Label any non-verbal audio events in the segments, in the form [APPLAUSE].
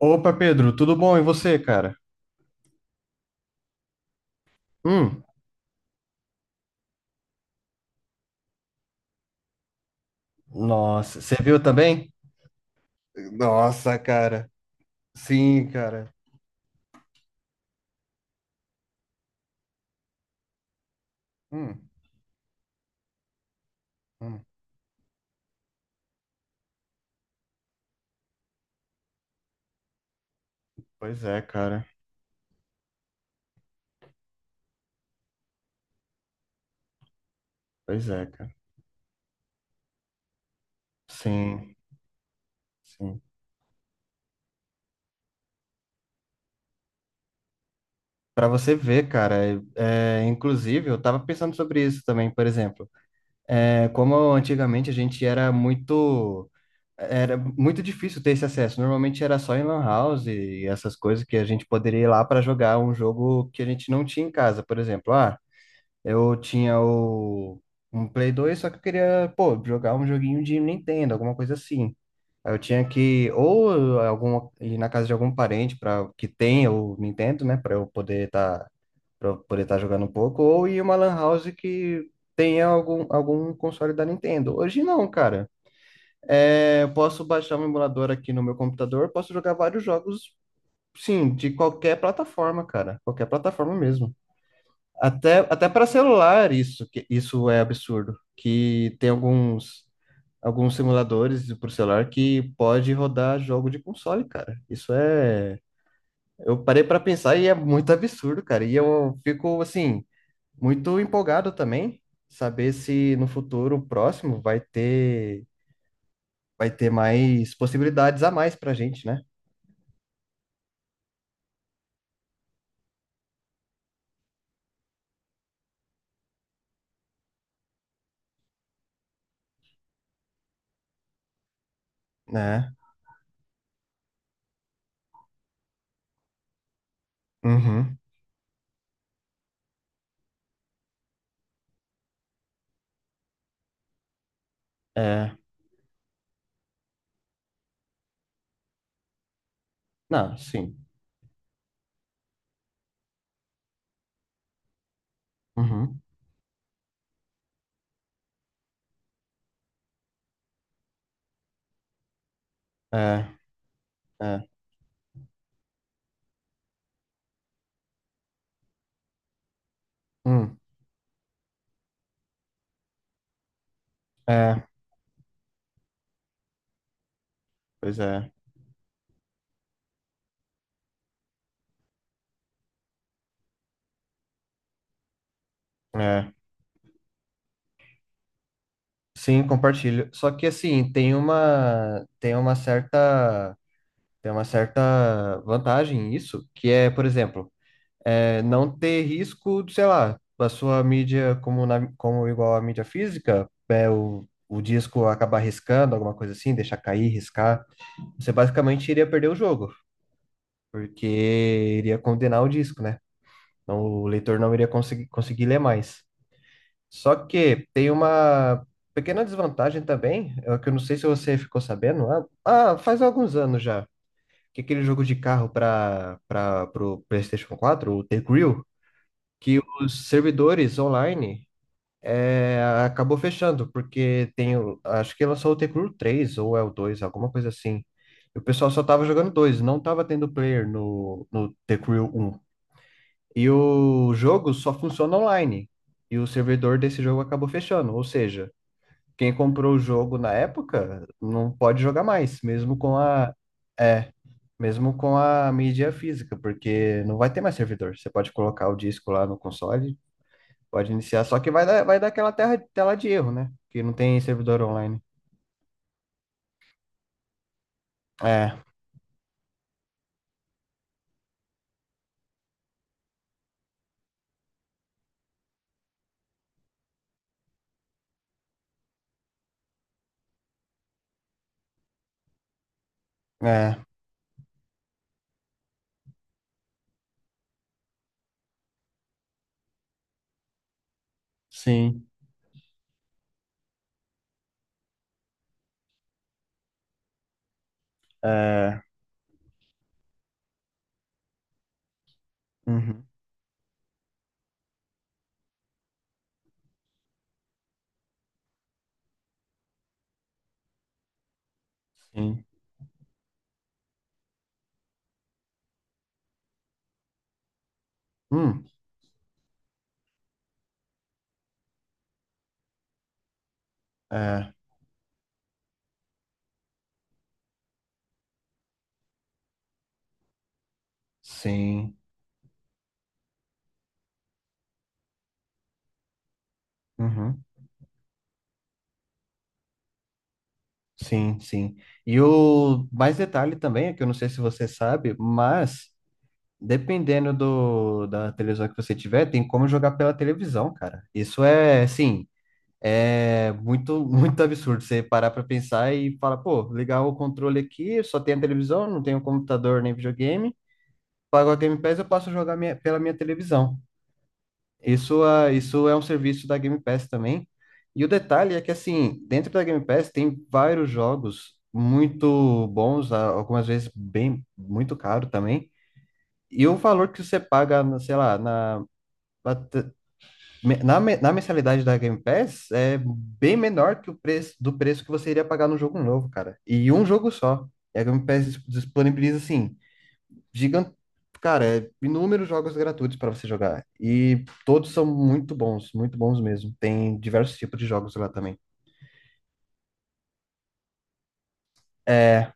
Opa, Pedro, tudo bom? E você, cara? Hum. Nossa, você viu também? Nossa, cara. Sim, cara. Hum, hum. Pois é, cara. Pois é, cara. Sim, sim. Para você ver, cara, inclusive, eu tava pensando sobre isso também, por exemplo. É, como antigamente a gente era muito. Era muito difícil ter esse acesso. Normalmente era só em lan house e essas coisas que a gente poderia ir lá para jogar um jogo que a gente não tinha em casa, por exemplo. Ah, eu tinha um Play 2, só que eu queria, pô, jogar um joguinho de Nintendo, alguma coisa assim. Aí eu tinha que ir na casa de algum parente para que tenha o Nintendo, né, para eu poder estar jogando um pouco, ou ir uma lan house que tenha algum console da Nintendo. Hoje não, cara. É, eu posso baixar um emulador aqui no meu computador, posso jogar vários jogos, sim, de qualquer plataforma, cara, qualquer plataforma mesmo. Até para celular isso, isso é absurdo. Que tem alguns simuladores para celular que pode rodar jogo de console, cara. Isso é. Eu parei para pensar e é muito absurdo, cara. E eu fico, assim, muito empolgado também, saber se no futuro próximo vai ter mais possibilidades a mais pra gente, né? Né? Uhum. É. Não, sim. Uhum. É. É. Hum. É. Pois é. É. Sim, compartilho. Só que assim, tem uma certa vantagem nisso, que é, por exemplo, não ter risco, de, sei lá, da sua mídia como igual a mídia física, o disco acabar riscando, alguma coisa assim, deixar cair, riscar. Você basicamente iria perder o jogo, porque iria condenar o disco, né? Então, o leitor não iria conseguir ler mais. Só que tem uma pequena desvantagem também, é que eu não sei se você ficou sabendo, faz alguns anos já, que aquele jogo de carro para o PlayStation 4, o The Grill, que os servidores online acabou fechando, porque acho que lançou o The Crew 3 ou é o 2, alguma coisa assim. E o pessoal só tava jogando dois, não tava tendo player no The Crew um. E o jogo só funciona online. E o servidor desse jogo acabou fechando, ou seja, quem comprou o jogo na época não pode jogar mais, mesmo é, mesmo com a mídia física, porque não vai ter mais servidor. Você pode colocar o disco lá no console, pode iniciar, só que vai dar aquela tela de erro, né? Que não tem servidor online. É, é, sim, é, uhum, sim, hum, é, sim, uhum, sim, sim. E o mais detalhe também, é que eu não sei se você sabe, mas, dependendo da televisão que você tiver, tem como jogar pela televisão, cara. Isso é, assim, é muito, [LAUGHS] muito absurdo você parar pra pensar e falar, pô, ligar o controle aqui, só tem a televisão, não tenho computador nem videogame. Pago a Game Pass, eu posso jogar pela minha televisão. Isso, ah, isso é um serviço da Game Pass também. E o detalhe é que, assim, dentro da Game Pass tem vários jogos muito bons, algumas vezes bem, muito caro também, e o valor que você paga, sei lá, na mensalidade da Game Pass é bem menor que o preço que você iria pagar no jogo novo, cara. E um jogo só. E a Game Pass disponibiliza, assim, gigante, cara, inúmeros jogos gratuitos para você jogar. E todos são muito bons mesmo. Tem diversos tipos de jogos lá também. É,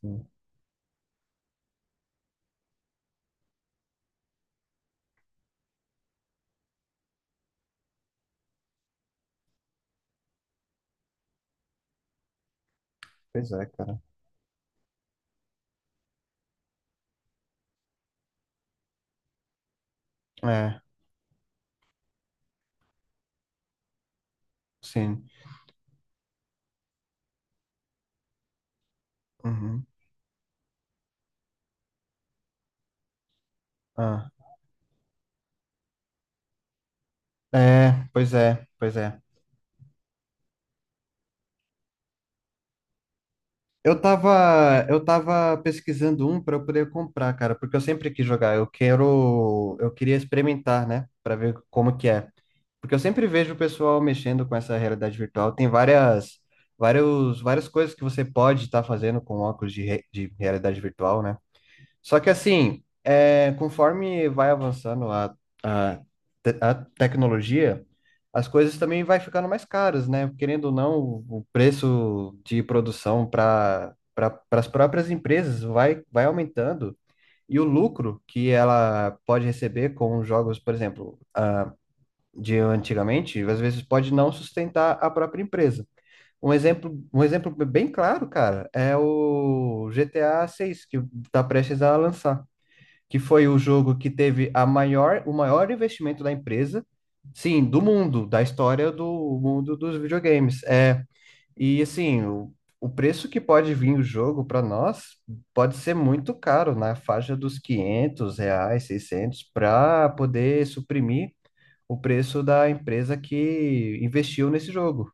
sim, pois é, cara. É, sim. Uhum. Ah. É, pois é, pois é. Eu tava pesquisando um para eu poder comprar, cara, porque eu sempre quis jogar. Eu queria experimentar, né, para ver como que é. Porque eu sempre vejo o pessoal mexendo com essa realidade virtual. Tem várias, várias coisas que você pode estar fazendo com óculos de realidade virtual, né? Só que assim, conforme vai avançando a, a tecnologia, as coisas também vai ficando mais caras, né? Querendo ou não, o preço de produção para as próprias empresas vai, aumentando. E o lucro que ela pode receber com jogos, por exemplo, de antigamente, às vezes pode não sustentar a própria empresa. Um exemplo bem claro, cara, é o GTA 6 que está prestes a lançar, que foi o jogo que teve o maior investimento da empresa, sim, do mundo, da história do mundo dos videogames. É, e assim, o preço que pode vir o jogo para nós pode ser muito caro, na faixa dos R$ 500, 600, para poder suprimir o preço da empresa que investiu nesse jogo.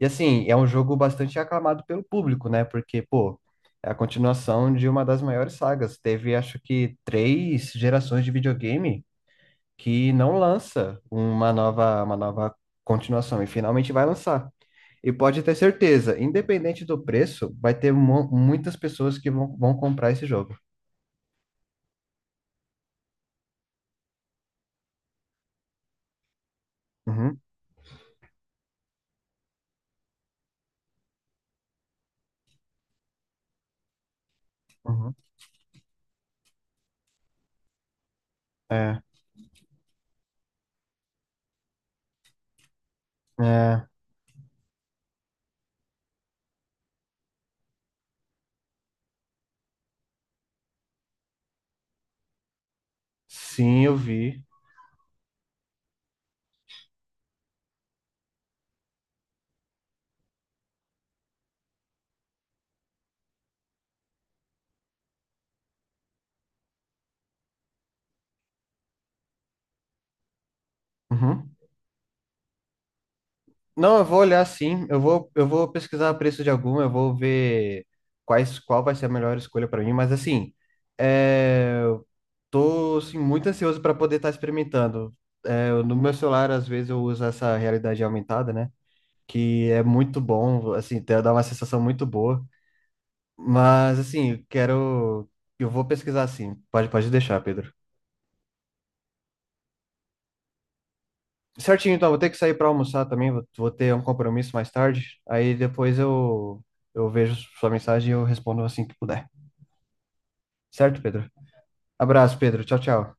E assim, é um jogo bastante aclamado pelo público, né? Porque, pô, é a continuação de uma das maiores sagas. Teve, acho que, três gerações de videogame que não lança uma nova, continuação, e finalmente vai lançar. E pode ter certeza, independente do preço, vai ter muitas pessoas que vão, comprar esse jogo. Uhum, uhum. É, é, sim, eu vi. Uhum. Não, eu vou olhar sim. eu vou pesquisar preço de algum, eu vou ver qual vai ser a melhor escolha para mim. Mas assim, eu tô assim, muito ansioso para poder estar experimentando. É, no meu celular, às vezes, eu uso essa realidade aumentada, né? Que é muito bom, assim, dá uma sensação muito boa. Mas assim, eu quero. Eu vou pesquisar sim. Pode deixar, Pedro. Certinho, então, vou ter que sair para almoçar também, vou, ter um compromisso mais tarde. Aí depois eu vejo sua mensagem e eu respondo assim que puder. Certo, Pedro? Abraço, Pedro. Tchau, tchau.